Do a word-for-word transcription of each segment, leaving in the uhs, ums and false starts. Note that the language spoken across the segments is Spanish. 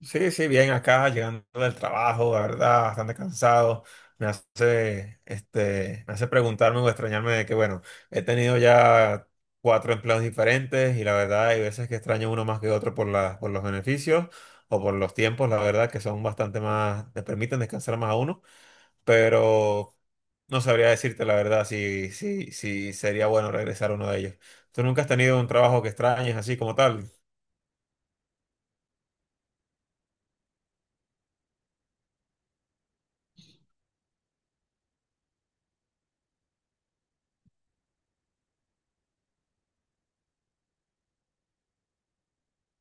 Sí, sí, bien acá, llegando del trabajo, la verdad, bastante cansado. Me hace, este, me hace preguntarme o extrañarme de que, bueno, he tenido ya cuatro empleos diferentes y la verdad hay veces que extraño uno más que otro por la, por los beneficios o por los tiempos, la verdad, que son bastante más, te permiten descansar más a uno, pero no sabría decirte la verdad si, si, si sería bueno regresar a uno de ellos. ¿Tú nunca has tenido un trabajo que extrañes así como tal?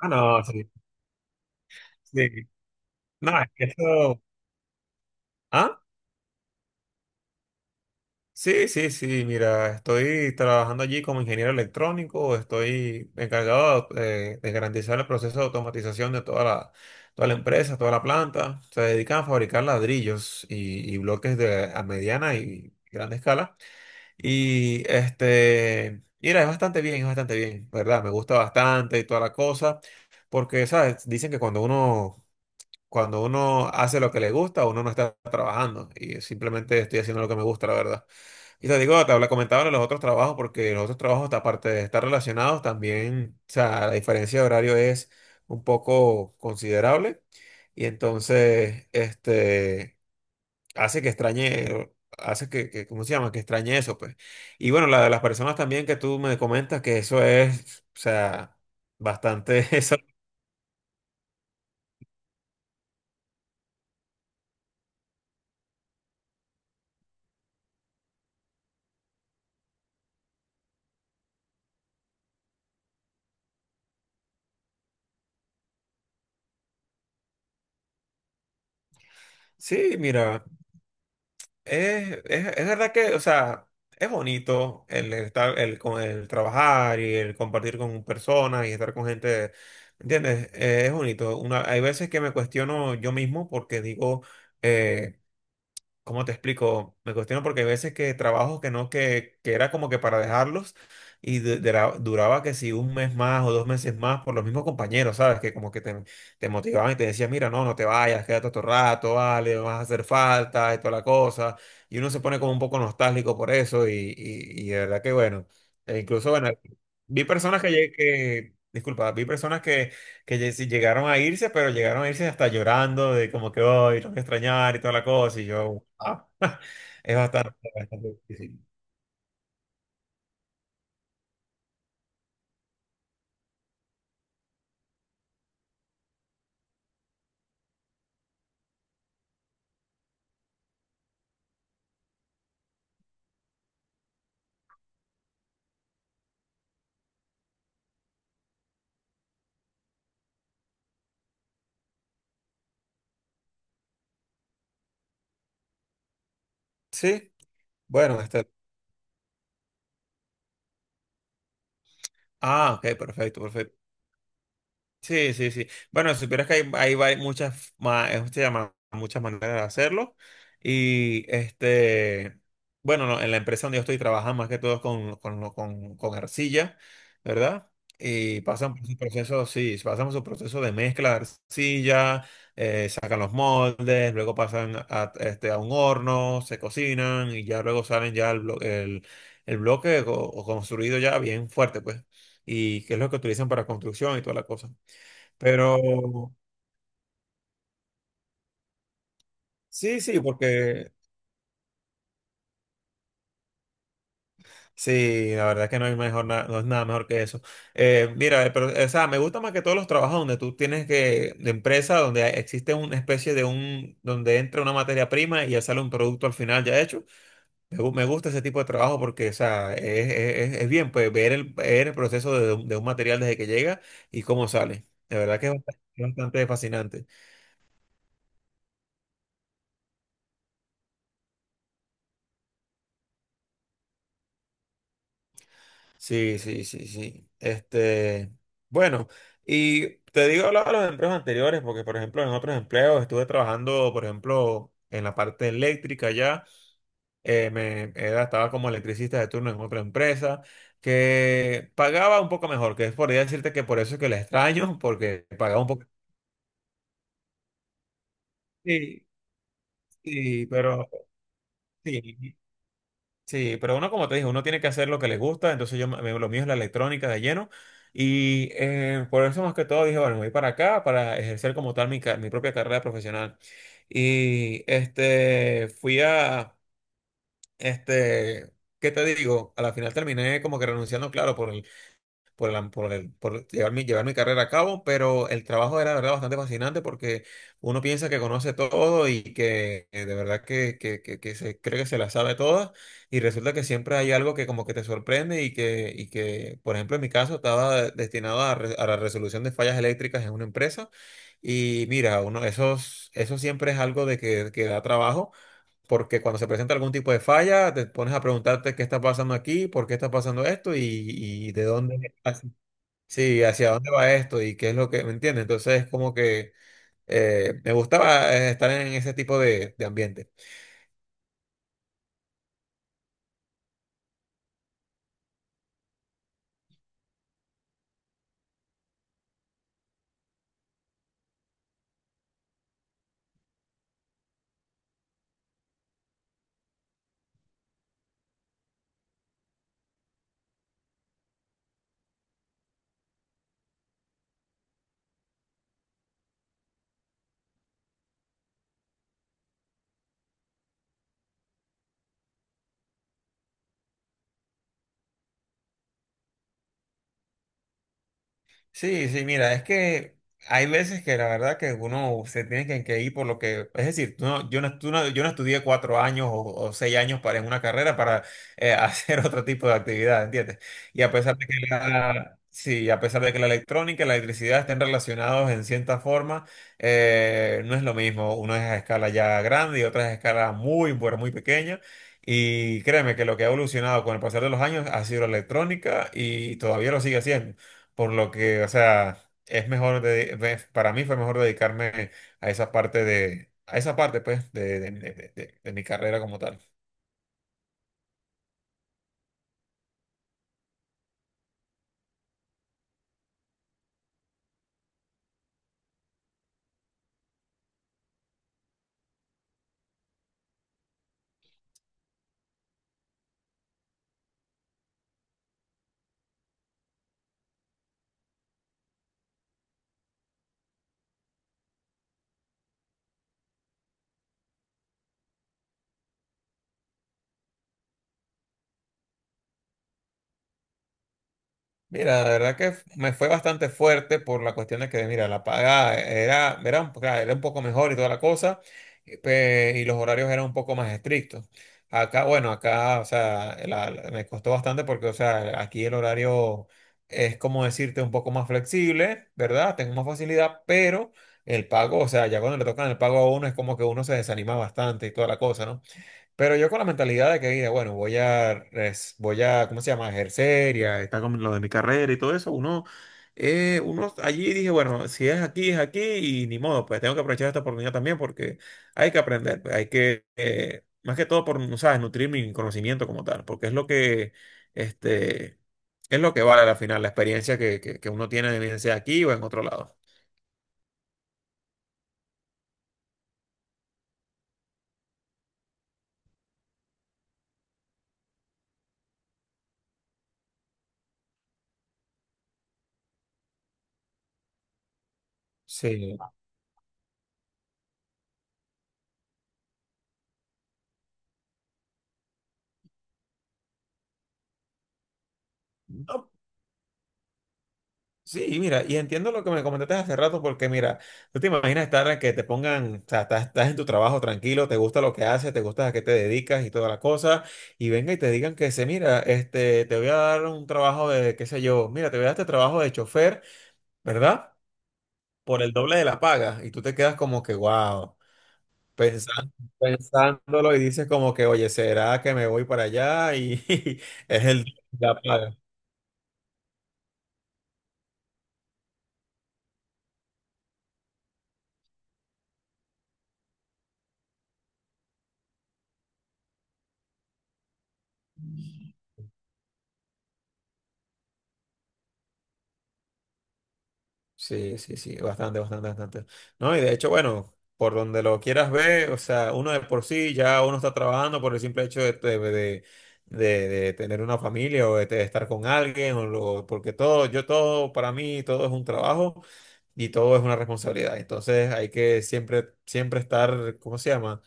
Ah, no, sí. Sí. No, es que eso. Ah, sí, sí, sí, mira, estoy trabajando allí como ingeniero electrónico, estoy encargado eh, de garantizar el proceso de automatización de toda la, toda la empresa, toda la planta. Se dedican a fabricar ladrillos y, y bloques de, a mediana y grande escala. Y este, mira, es bastante bien, es bastante bien, ¿verdad? Me gusta bastante y toda la cosa, porque, ¿sabes? Dicen que cuando uno... Cuando uno hace lo que le gusta, uno no está trabajando y simplemente estoy haciendo lo que me gusta, la verdad. Y te digo, te habla, comentaba de los otros trabajos, porque los otros trabajos, aparte de estar relacionados, también, o sea, la diferencia de horario es un poco considerable. Y entonces, este, hace que extrañe, hace que, que, ¿cómo se llama? Que extrañe eso, pues. Y bueno, la de las personas también que tú me comentas, que eso es, o sea, bastante eso. Sí, mira. Es, es, es verdad que, o sea, es bonito el, estar, el, con- el trabajar y el compartir con personas y estar con gente, ¿entiendes? Eh, es bonito. Una, hay veces que me cuestiono yo mismo porque digo, eh, ¿Cómo te explico? Me cuestiono porque hay veces que trabajos que no, que, que era como que para dejarlos y du- dura- duraba que si un mes más o dos meses más por los mismos compañeros, ¿sabes? Que como que te, te motivaban y te decían, mira, no, no te vayas, quédate otro rato, vale, vas a hacer falta y toda la cosa. Y uno se pone como un poco nostálgico por eso y, y, y de verdad que bueno. E incluso, bueno, vi personas que, lle- que, disculpa, vi personas que que lle- sí llegaron a irse, pero llegaron a irse hasta llorando de como que hoy los voy a extrañar y toda la cosa. Y yo, ah, es bastante, bastante difícil. Sí, bueno, este, ah, ok, perfecto, perfecto. Sí, sí, sí. Bueno, si supieras que hay, hay vari- muchas, ma- eh, se llama, muchas maneras de hacerlo. Y este, bueno, no, en la empresa donde yo estoy trabajando más que todo es con, con, con, con arcilla, ¿verdad? Y pasan por su proceso, sí, pasan por su proceso de mezcla de arcilla, eh, sacan los moldes, luego pasan a, este, a un horno, se cocinan y ya luego salen ya el, blo- el, el bloque o o construido ya bien fuerte, pues y qué es lo que utilizan para construcción y toda la cosa. Pero sí, sí, porque sí, la verdad es que no hay mejor, na- no es nada mejor que eso. Eh, mira, eh, pero, o sea, me gusta más que todos los trabajos donde tú tienes que, de empresa, donde existe una especie de un, donde entra una materia prima y ya sale un producto al final ya hecho. Me, gu- me gusta ese tipo de trabajo porque, o sea, es, es- es bien, pues, ver el, ver el proceso de, un de un material desde que llega y cómo sale. De verdad que es bastante, bastante fascinante. Sí, sí, sí, sí. Este, bueno, y te digo hablaba de los empleos anteriores, porque por ejemplo en otros empleos estuve trabajando, por ejemplo, en la parte eléctrica ya, eh, me era- estaba como electricista de turno en otra empresa que pagaba un poco mejor, que es por decirte que por eso es que la extraño, porque pagaba un poco. Sí, sí, pero sí. Sí, pero uno, como te dije, uno tiene que hacer lo que le gusta, entonces yo, me- me- lo mío es la electrónica de lleno y eh, por eso más que todo dije, bueno, me voy para acá para ejercer como tal mi, ca- mi propia carrera profesional. Y este, fui a, este, ¿qué te digo? A la final terminé como que renunciando, claro, por el, por, la- por el- por llevar mi, llevar mi carrera a cabo, pero el trabajo era de verdad bastante fascinante porque uno piensa que conoce todo y que eh, de verdad que, que, que, que se cree que se la sabe todas y resulta que siempre hay algo que como que te sorprende y que, y que por ejemplo, en mi caso estaba destinado a, re- a la resolución de fallas eléctricas en una empresa y mira, uno, esos, eso siempre es algo de que, que da trabajo. Porque cuando se presenta algún tipo de falla, te pones a preguntarte qué está pasando aquí, por qué está pasando esto y, y de dónde. Sí, ¿hacia dónde va esto? ¿Y qué es lo que, me entiendes? Entonces, como que eh, me gustaba eh, estar en ese tipo de, de ambiente. Sí, sí, mira, es que hay veces que la verdad que uno se tiene que, que ir por lo que, es decir, tú no- yo, no, tú no- yo no estudié cuatro años o, o seis años para en una carrera para eh, hacer otro tipo de actividad, ¿entiendes? Y a pesar de que la, sí, a pesar de que la electrónica y la electricidad estén relacionados en cierta forma, eh, no es lo mismo. Uno es a escala ya grande y otra es a escala muy, pero muy pequeña. Y créeme que lo que ha evolucionado con el pasar de los años ha sido la electrónica y todavía lo sigue haciendo por lo que, o sea, es mejor, de, ve- para mí fue mejor dedicarme a esa parte de, a esa parte, pues, de, de- de- de- de- de mi carrera como tal. Mira, la verdad que f- me fue bastante fuerte por la cuestión de que, mira, la paga era, era, un, claro, era un poco mejor y toda la cosa, y pe- y los horarios eran un poco más estrictos. Acá, bueno, acá, o sea, la- la- me costó bastante porque, o sea, aquí el horario es como decirte un poco más flexible, ¿verdad? Tengo más facilidad, pero el pago, o sea, ya cuando le tocan el pago a uno es como que uno se desanima bastante y toda la cosa, ¿no? Pero yo con la mentalidad de que, mira, bueno, voy a, res- voy a, ¿cómo se llama? Ejercer y a estar con lo de mi carrera y todo eso, uno, eh, uno allí dije, bueno, si es aquí, es aquí y ni modo, pues tengo que aprovechar esta oportunidad también porque hay que aprender, pues, hay que, eh, más que todo por, no ¿sabes? Nutrir mi conocimiento como tal, porque es lo que, este, es lo que vale al final, la experiencia que, que, que uno tiene, bien sea aquí o en otro lado. Sí. Sí, mira, y entiendo lo que me comentaste hace rato, porque mira, tú te imaginas estar en que te pongan, o sea, estás, estás, en tu trabajo tranquilo, te gusta lo que haces, te gusta a qué te dedicas y toda la cosa, y venga y te digan que se, mira, este, te voy a dar un trabajo de, qué sé yo, mira, te voy a dar este trabajo de chofer, ¿verdad? Por el doble de la paga, y tú te quedas como que, wow, pensando, pensándolo y dices como que, oye, ¿será que me voy para allá? Y es el doble de la paga. Sí, sí, sí, bastante, bastante, bastante. No, y de hecho, bueno, por donde lo quieras ver, o sea, uno de por sí ya uno está trabajando por el simple hecho de, de, de- de- de tener una familia o de, de estar con alguien, o lo- porque todo, yo todo, para mí, todo es un trabajo y todo es una responsabilidad. Entonces hay que siempre, siempre estar, ¿cómo se llama?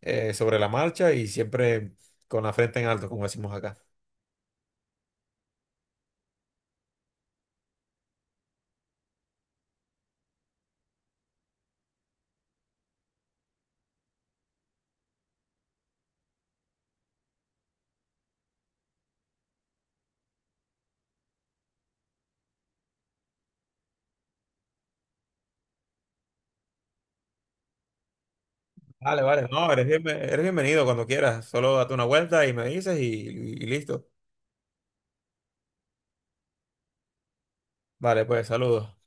Eh, sobre la marcha y siempre con la frente en alto, como decimos acá. Vale, vale, no, eres bienve- eres bienvenido cuando quieras. Solo date una vuelta y me dices y y listo. Vale, pues saludos.